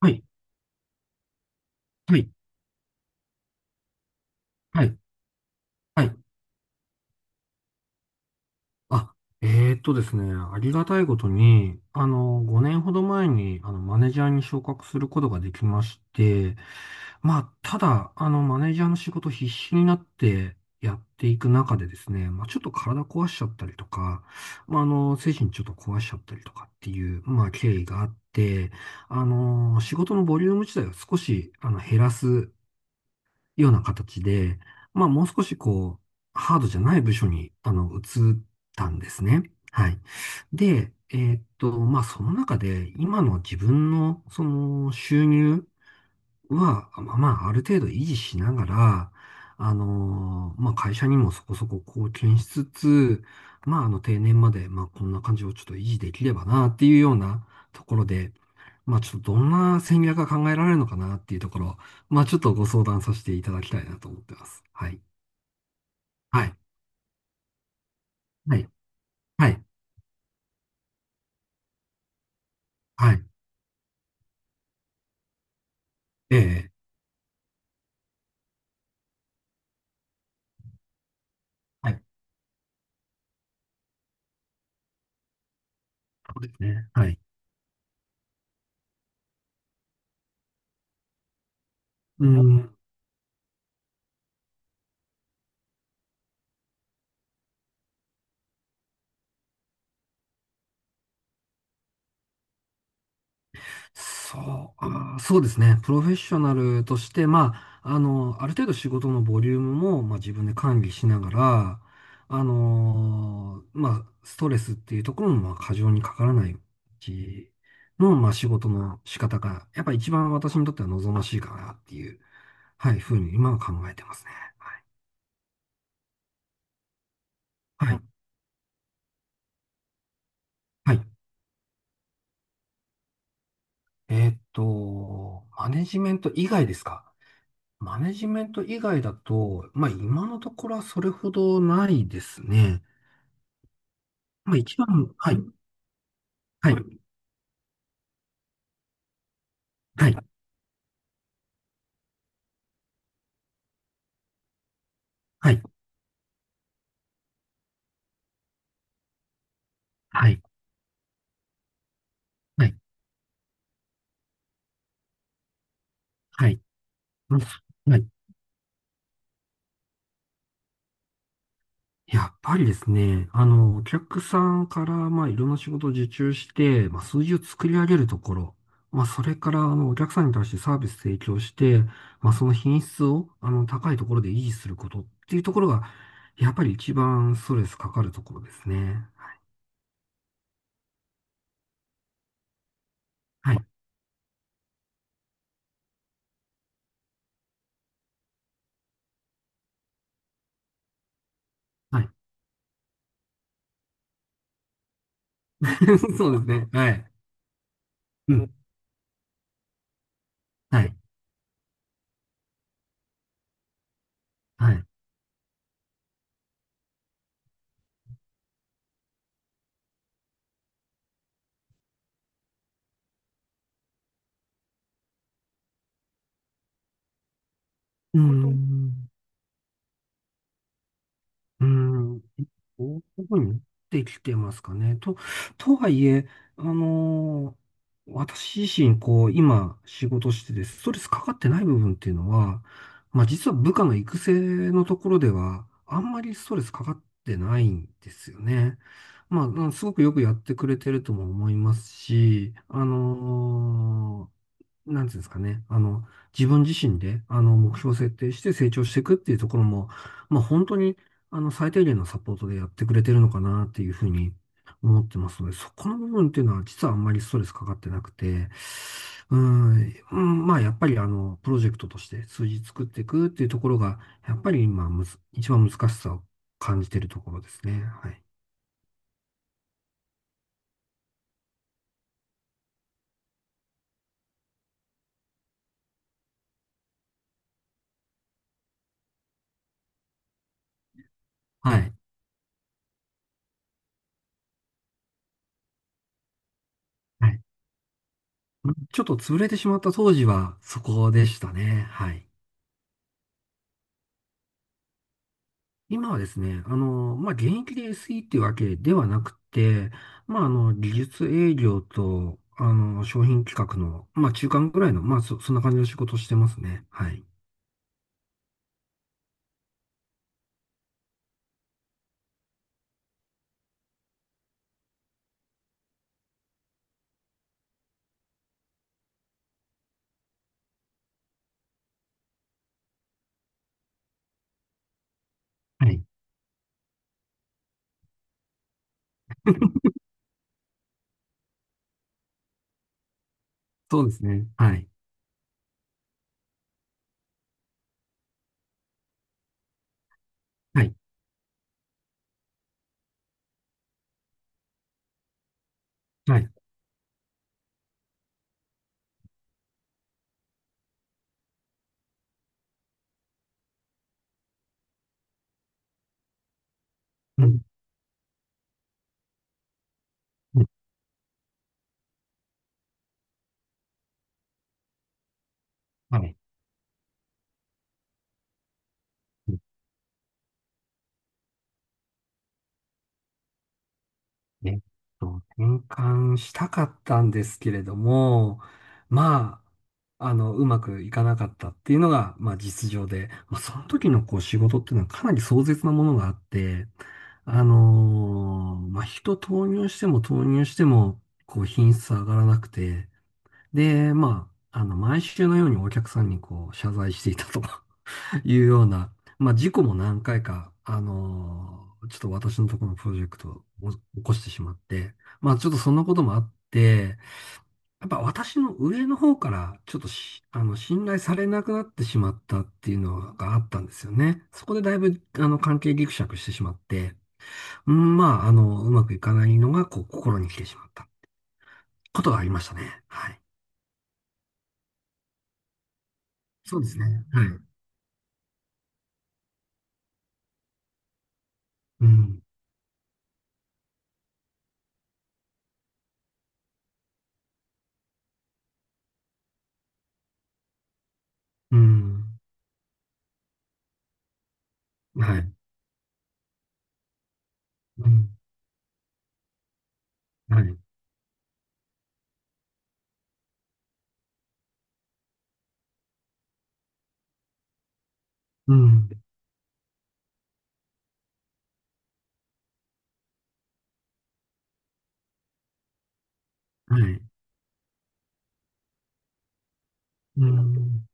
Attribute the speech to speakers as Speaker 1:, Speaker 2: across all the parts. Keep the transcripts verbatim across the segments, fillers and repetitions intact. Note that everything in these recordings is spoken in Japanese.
Speaker 1: はい、はい、はい、はい。あ、えーっとですね、ありがたいことに、あの、ごねんほど前に、あの、マネージャーに昇格することができまして、まあ、ただ、あの、マネージャーの仕事必死になってやっていく中でですね、まあ、ちょっと体壊しちゃったりとか、まあ、あの、精神ちょっと壊しちゃったりとかっていう、まあ、経緯があって、あの、仕事のボリューム自体を少し、あの、減らすような形で、まあもう少しこう、ハードじゃない部署に、あの、移ったんですね。はい。で、えーっと、まあその中で、今の自分のその収入、まあ、まあ、まあある程度維持しながら、あのーまあ、会社にもそこそこ貢献しつつ、まあ、あの、定年まで、まあ、こんな感じをちょっと維持できればな、っていうようなところで、まあ、ちょっとどんな戦略が考えられるのかな、っていうところ、まあ、ちょっとご相談させていただきたいなと思ってます。はい。はい。はい。はい。はい。ええ。はい。そうですね。はい。うん。そう、あー、そうですね。プロフェッショナルとして、まあ、あの、ある程度仕事のボリュームも、まあ、自分で管理しながら、あのーまあ、ストレスっていうところも、まあ、過剰にかからないうちの、まあ、仕事の仕方が、やっぱ一番私にとっては望ましいかなっていう、はい、ふうに今は考えてますね。はい。はい。はい。えーっと、マネジメント以外ですか？マネジメント以外だと、まあ今のところはそれほどないですね。まあ一番、はい、はい、はい、はい、はい、はい、はい、うん、はい。やっぱりですね、あの、お客さんから、まあいろんな仕事を受注して、まあ数字を作り上げるところ、まあそれから、あの、お客さんに対してサービス提供して、まあその品質を、あの、高いところで維持することっていうところが、やっぱり一番ストレスかかるところですね。はい。はい。 そうですね。はい。ううん。ん、はい。はい。うーこん。うーん。どこに持ってきてますかね。と、とはいえ、あのー私自身、こう、今、仕事してて、ストレスかかってない部分っていうのは、まあ、実は部下の育成のところでは、あんまりストレスかかってないんですよね。まあ、うん、すごくよくやってくれてるとも思いますし、あのーなんていうんですかね、あの、自分自身で、あの、目標を設定して成長していくっていうところも、まあ、本当に、あの、最低限のサポートでやってくれてるのかなっていうふうに思ってますので、そこの部分っていうのは実はあんまりストレスかかってなくて、うーん、うん、まあ、やっぱりあの、プロジェクトとして数字作っていくっていうところが、やっぱり今むず、一番難しさを感じてるところですね。はい。はい。はい。ちょっと潰れてしまった当時はそこでしたね。はい。今はですね、あの、まあ、現役で エスイー っていうわけではなくて、まあ、あの、技術営業と、あの、商品企画の、まあ、中間ぐらいの、まあ、そ、そんな感じの仕事をしてますね。はい。はい。そうですね。はい。はい。はい。うん。うん、はい。うん、えっと、転換したかったんですけれども、まあ、あの、うまくいかなかったっていうのが、まあ、実情で、まあ、その時のこう、仕事っていうのはかなり壮絶なものがあって、あのーまあ、人投入しても投入しても、こう、品質上がらなくて、で、まあ、あの、毎週のようにお客さんにこう、謝罪していたと いうような、まあ、事故も何回か、あのーちょっと私のところのプロジェクトを起こしてしまって、まあ、ちょっとそんなこともあって、やっぱ私の上の方から、ちょっとし、あの、信頼されなくなってしまったっていうのがあったんですよね。そこでだいぶ、あの、関係ギクシャクしてしまって、うん、まあ、あの、うまくいかないのが、こう、心に来てしまったことがありましたね。はい。そうですね。はい。うん。うん。はい。うん。はい。うん。はい。うん。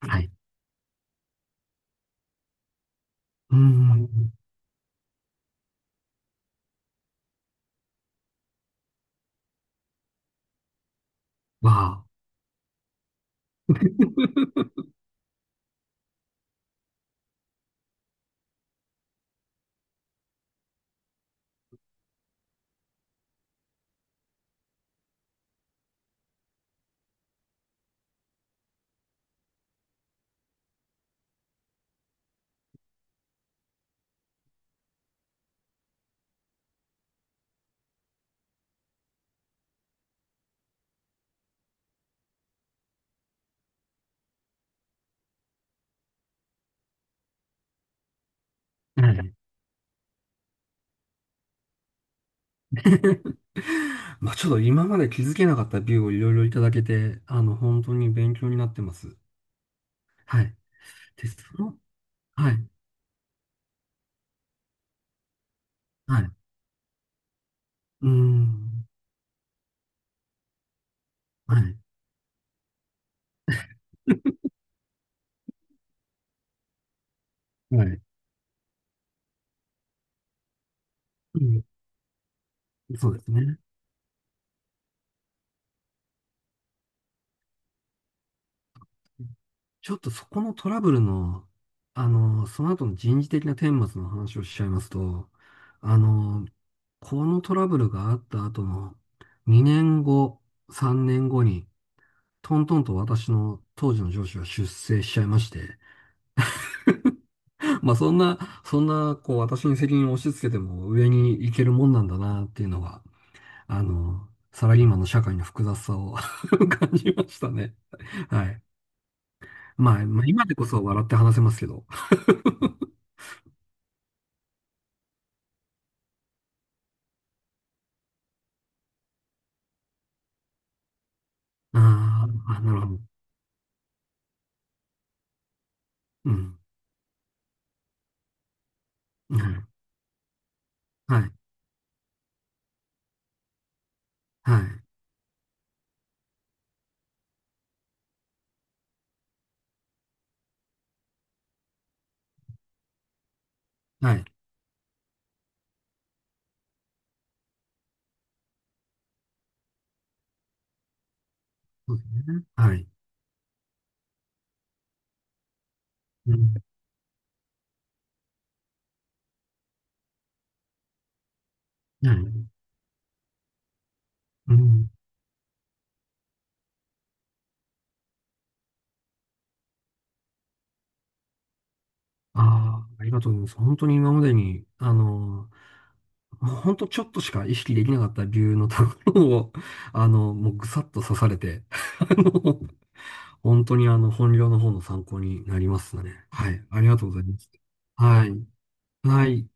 Speaker 1: はい。うん。わあ。はい。まあ、ちょっと今まで気づけなかったビューをいろいろいただけて、あの、本当に勉強になってます。はい。で、その、はい。はい。うん。はい。はい。うん。そうですね。ちょっとそこのトラブルの、あの、その後の人事的な顛末の話をしちゃいますと、あの、このトラブルがあった後のにねんご、さんねんごに、トントンと私の当時の上司は出世しちゃいまして、まあ、そんな、そんな、こう私に責任を押し付けても上に行けるもんなんだなっていうのが、あの、サラリーマンの社会の複雑さを 感じましたね。はい。まあ、まあ今でこそ笑って話せますけど。あーあ、なるほど。うん。はい。はい。はい。はい。そうですね。はい。うん。はい。うん。ああ、ありがとうございます。本当に今までに、あの、もう本当ちょっとしか意識できなかった理由のところを、あの、もうぐさっと刺されて、あの、本当にあの、本業の方の参考になりますね。はい。ありがとうございます。はい。はい。